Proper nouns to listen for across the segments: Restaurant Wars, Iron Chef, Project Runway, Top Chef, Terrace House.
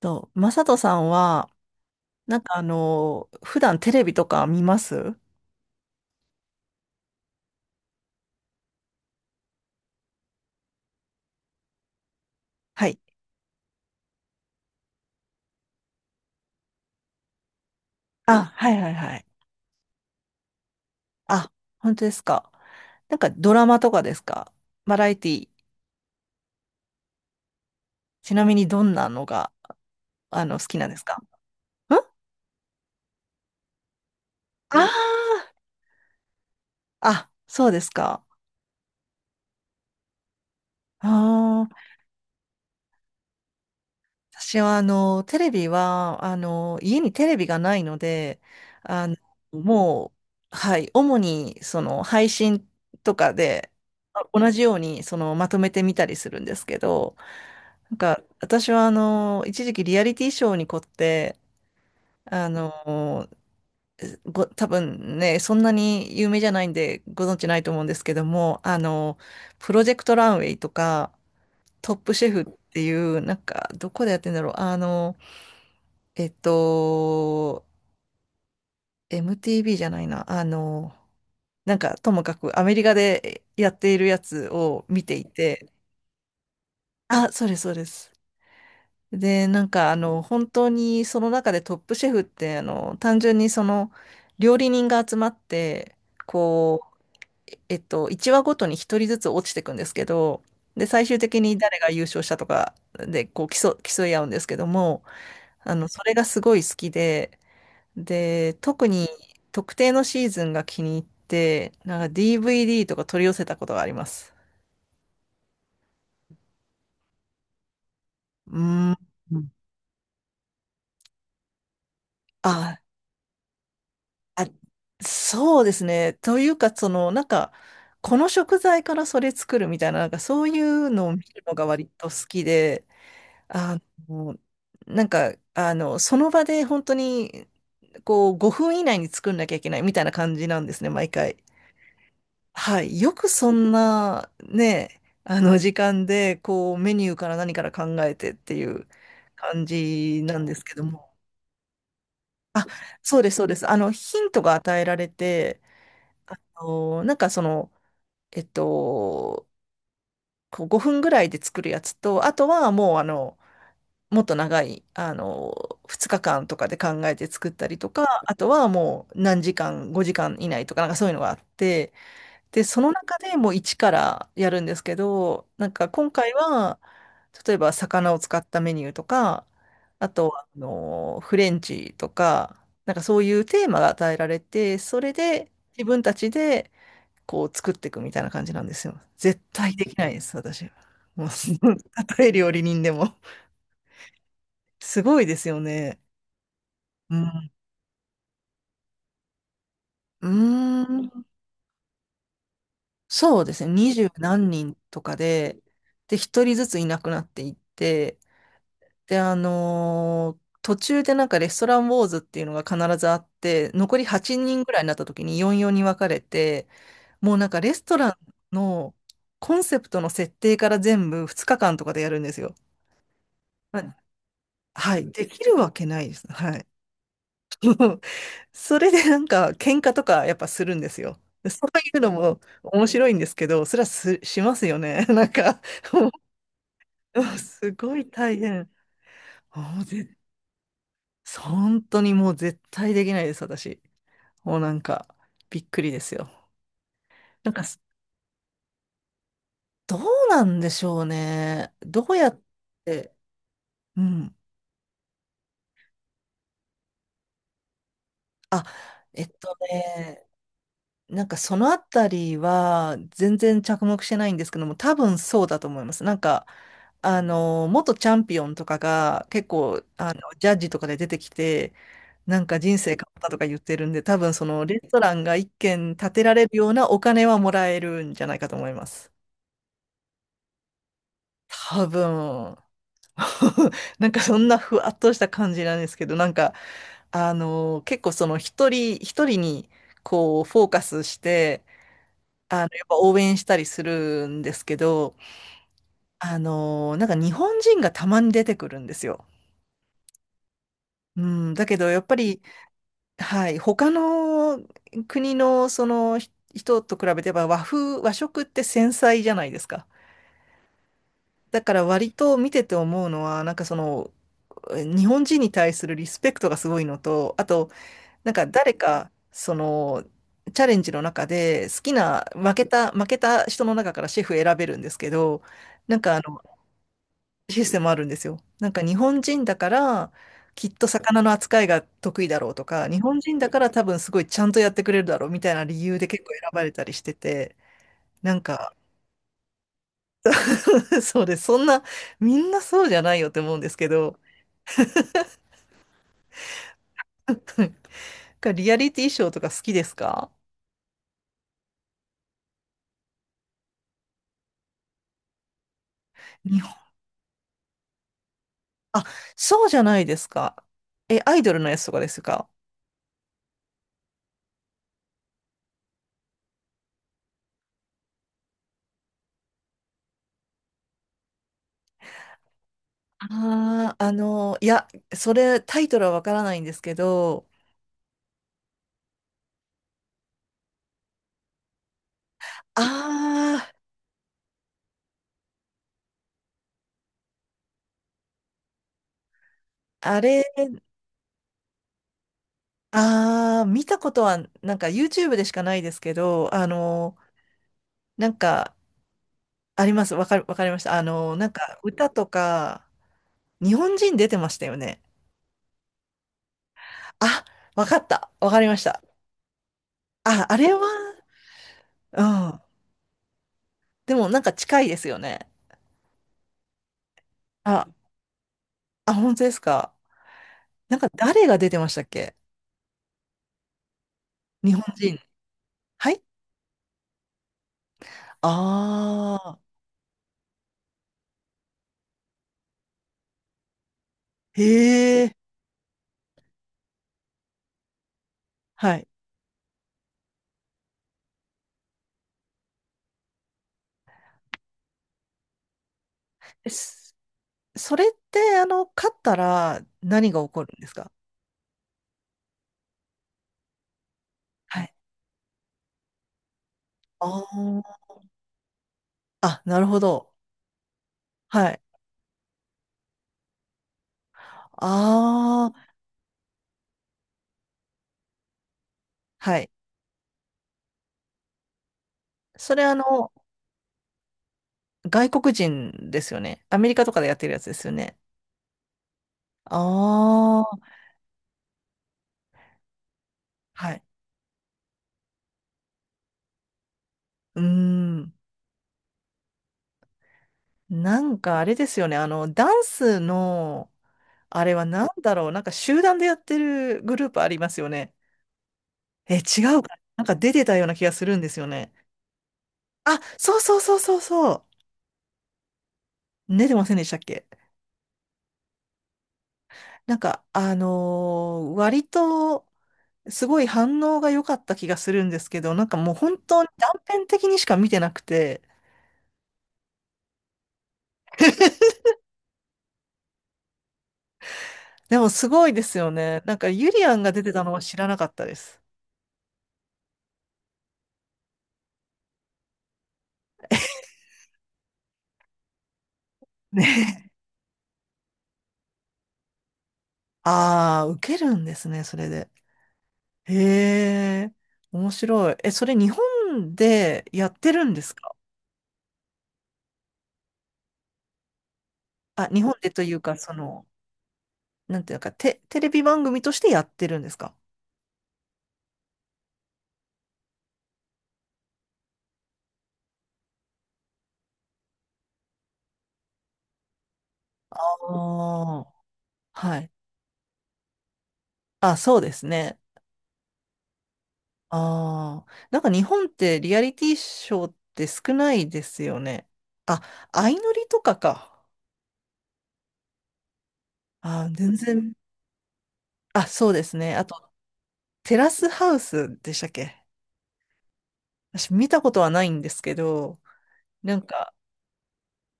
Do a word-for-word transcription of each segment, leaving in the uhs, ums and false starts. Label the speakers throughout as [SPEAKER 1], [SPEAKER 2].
[SPEAKER 1] とマサトさんは、なんかあの、普段テレビとか見ます？はい。あ、はいはいはい。あ、本当ですか。なんかドラマとかですか？バラエティ、ちなみにどんなのが、あの、好きなんですか？んああー、あ、そうですか。ああ、私はあのテレビはあの家にテレビがないので、あのもう、はい、主にその配信とかで、あ、同じようにそのまとめてみたりするんですけど、なんか私はあの一時期リアリティショーに凝って、あのご多分ね、そんなに有名じゃないんでご存知ないと思うんですけども、あのプロジェクトランウェイとかトップシェフっていう、なんかどこでやってんだろう、あのえっと、エムティーブイ じゃないな。あの、なんか、ともかくアメリカでやっているやつを見ていて、あ、そうです、そうです。で、なんか、あの、本当にその中でトップシェフって、あの、単純にその、料理人が集まって、こう、えっと、いちわごとにひとりずつ落ちていくんですけど、で、最終的に誰が優勝したとかで、こう、競、競い合うんですけども、あの、それがすごい好きで、で、特に特定のシーズンが気に入って、なんか ディーブイディー とか取り寄せたことがあります。うーん。あ、あ、そうですね。というか、その、なんか、この食材からそれ作るみたいな、なんかそういうのを見るのが割と好きで、あの、なんか、あの、その場で本当に、こう、ごふん以内に作んなきゃいけないみたいな感じなんですね、毎回。はい。よくそんな、ね、あの時間で、こう、メニューから何から考えてっていう感じなんですけども。そうです、そうです。あの、ヒントが与えられて、あの、なんかその、えっと、こうごふんぐらいで作るやつと、あとはもう、あの、もっと長い、あの、ふつかかんとかで考えて作ったりとか、あとはもう何時間、ごじかん以内とか、なんかそういうのがあって、で、その中でもう一からやるんですけど、なんか今回は、例えば魚を使ったメニューとか、あとは、あの、フレンチとか、なんかそういうテーマが与えられて、それで自分たちでこう作っていくみたいな感じなんですよ。絶対できないです、私。もう、たとえ料理人でも。すごいですよね。うん。うーん。そうですね。二十何人とかで、で、一人ずついなくなっていって、で、あのー途中でなんかレストランウォーズっていうのが必ずあって、残りはちにんぐらいになった時によんよんに分かれて、もうなんかレストランのコンセプトの設定から全部ふつかかんとかでやるんですよ。まはい、できるわけないです。はい。それでなんか喧嘩とかやっぱするんですよ。そういうのも面白いんですけど、それはす、しますよね。なんか、もうすごい大変。もう絶本当にもう絶対できないです、私。もうなんか、びっくりですよ。なんか、どうなんでしょうね。どうやって、うん。あ、えっとね、なんかそのあたりは全然着目してないんですけども、多分そうだと思います。なんか、あの、元チャンピオンとかが結構、あの、ジャッジとかで出てきて、なんか人生変わったとか言ってるんで、多分そのレストランが一軒建てられるようなお金はもらえるんじゃないかと思います。多分、なんかそんなふわっとした感じなんですけど、なんか、あのー結構その一人一人にこうフォーカスして、あの、やっぱ応援したりするんですけど、あのーなんか日本人がたまに出てくるんですよ。うん、だけどやっぱり、はい、他の国のそのひ人と比べてば和風、和食って繊細じゃないですか。だから割と見てて思うのは、なんかその日本人に対するリスペクトがすごいのと、あと、なんか誰か、その、チャレンジの中で好きな、負けた、負けた人の中からシェフ選べるんですけど、なんかあの、システムあるんですよ。なんか日本人だから、きっと魚の扱いが得意だろうとか、日本人だから多分すごいちゃんとやってくれるだろうみたいな理由で結構選ばれたりしてて、なんか そうです。そんな、みんなそうじゃないよって思うんですけど、なんかリアリティショーとか好きですか？あ、そうじゃないですか。え、アイドルのやつとかですか？ああー、あの、いや、それ、タイトルはわからないんですけど、ああ、あれ、ああ、見たことは、なんか YouTube でしかないですけど、あの、なんか、あります。わかる、わかりました。あの、なんか、歌とか、日本人出てましたよね。あ、わかった。わかりました。あ、あれは、うん。でも、なんか近いですよね。あ、あ、本当ですか。なんか、誰が出てましたっけ？日本人。はい、ああ、へえ、はい。すそれって、あの、勝ったら何が起こるんですか？はい。ああ、あ、なるほど。はい。ああ、はい。それ、あの、外国人ですよね。アメリカとかでやってるやつですよね。ああ、はい。うーん。なんかあれですよね。あの、ダンスの、あれは何だろう。なんか集団でやってるグループありますよね。え、違うか。なんか出てたような気がするんですよね。あ、そうそうそうそうそう。出てませんでしたっけ？なんか、あのー割と、すごい反応が良かった気がするんですけど、なんかもう本当に断片的にしか見てなくて、でもすごいですよね。なんかユリアンが出てたのは知らなかったです。ね。ああ、受けるんですね、それで。へえ、面白い。え、それ日本でやってるんですか？あ、日本でというか、その、なんていうのか、テ、テレビ番組としてやってるんですか？ああ、はい。あ、そうですね。ああ、なんか日本ってリアリティショーって少ないですよね。あ、相乗りとかか。あー、全然。あ、そうですね。あと、テラスハウスでしたっけ？私見たことはないんですけど、なんか、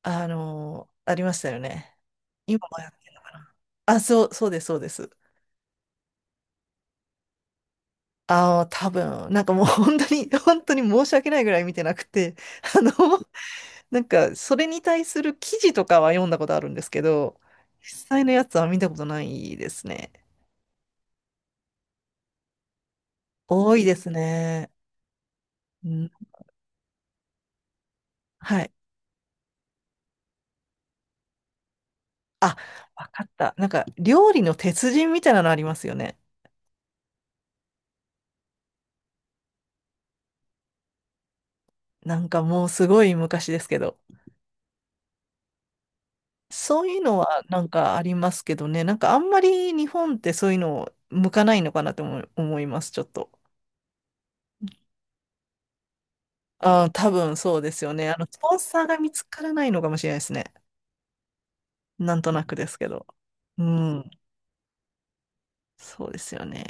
[SPEAKER 1] あのーありましたよね。今もやってるのかな。あ、そう、そうです、そうです。ああ、多分、なんかもう 本当に、本当に申し訳ないぐらい見てなくて、あの、なんか、それに対する記事とかは読んだことあるんですけど、実際のやつは見たことないですね。多いですね。うん、はい。あ、わかった。なんか、料理の鉄人みたいなのありますよね。なんかもうすごい昔ですけど。そういうのはなんかありますけどね。なんかあんまり日本ってそういうの向かないのかなと思い思います、ちょっと。ああ、多分そうですよね。あの、スポンサーが見つからないのかもしれないですね。なんとなくですけど。うん。そうですよね。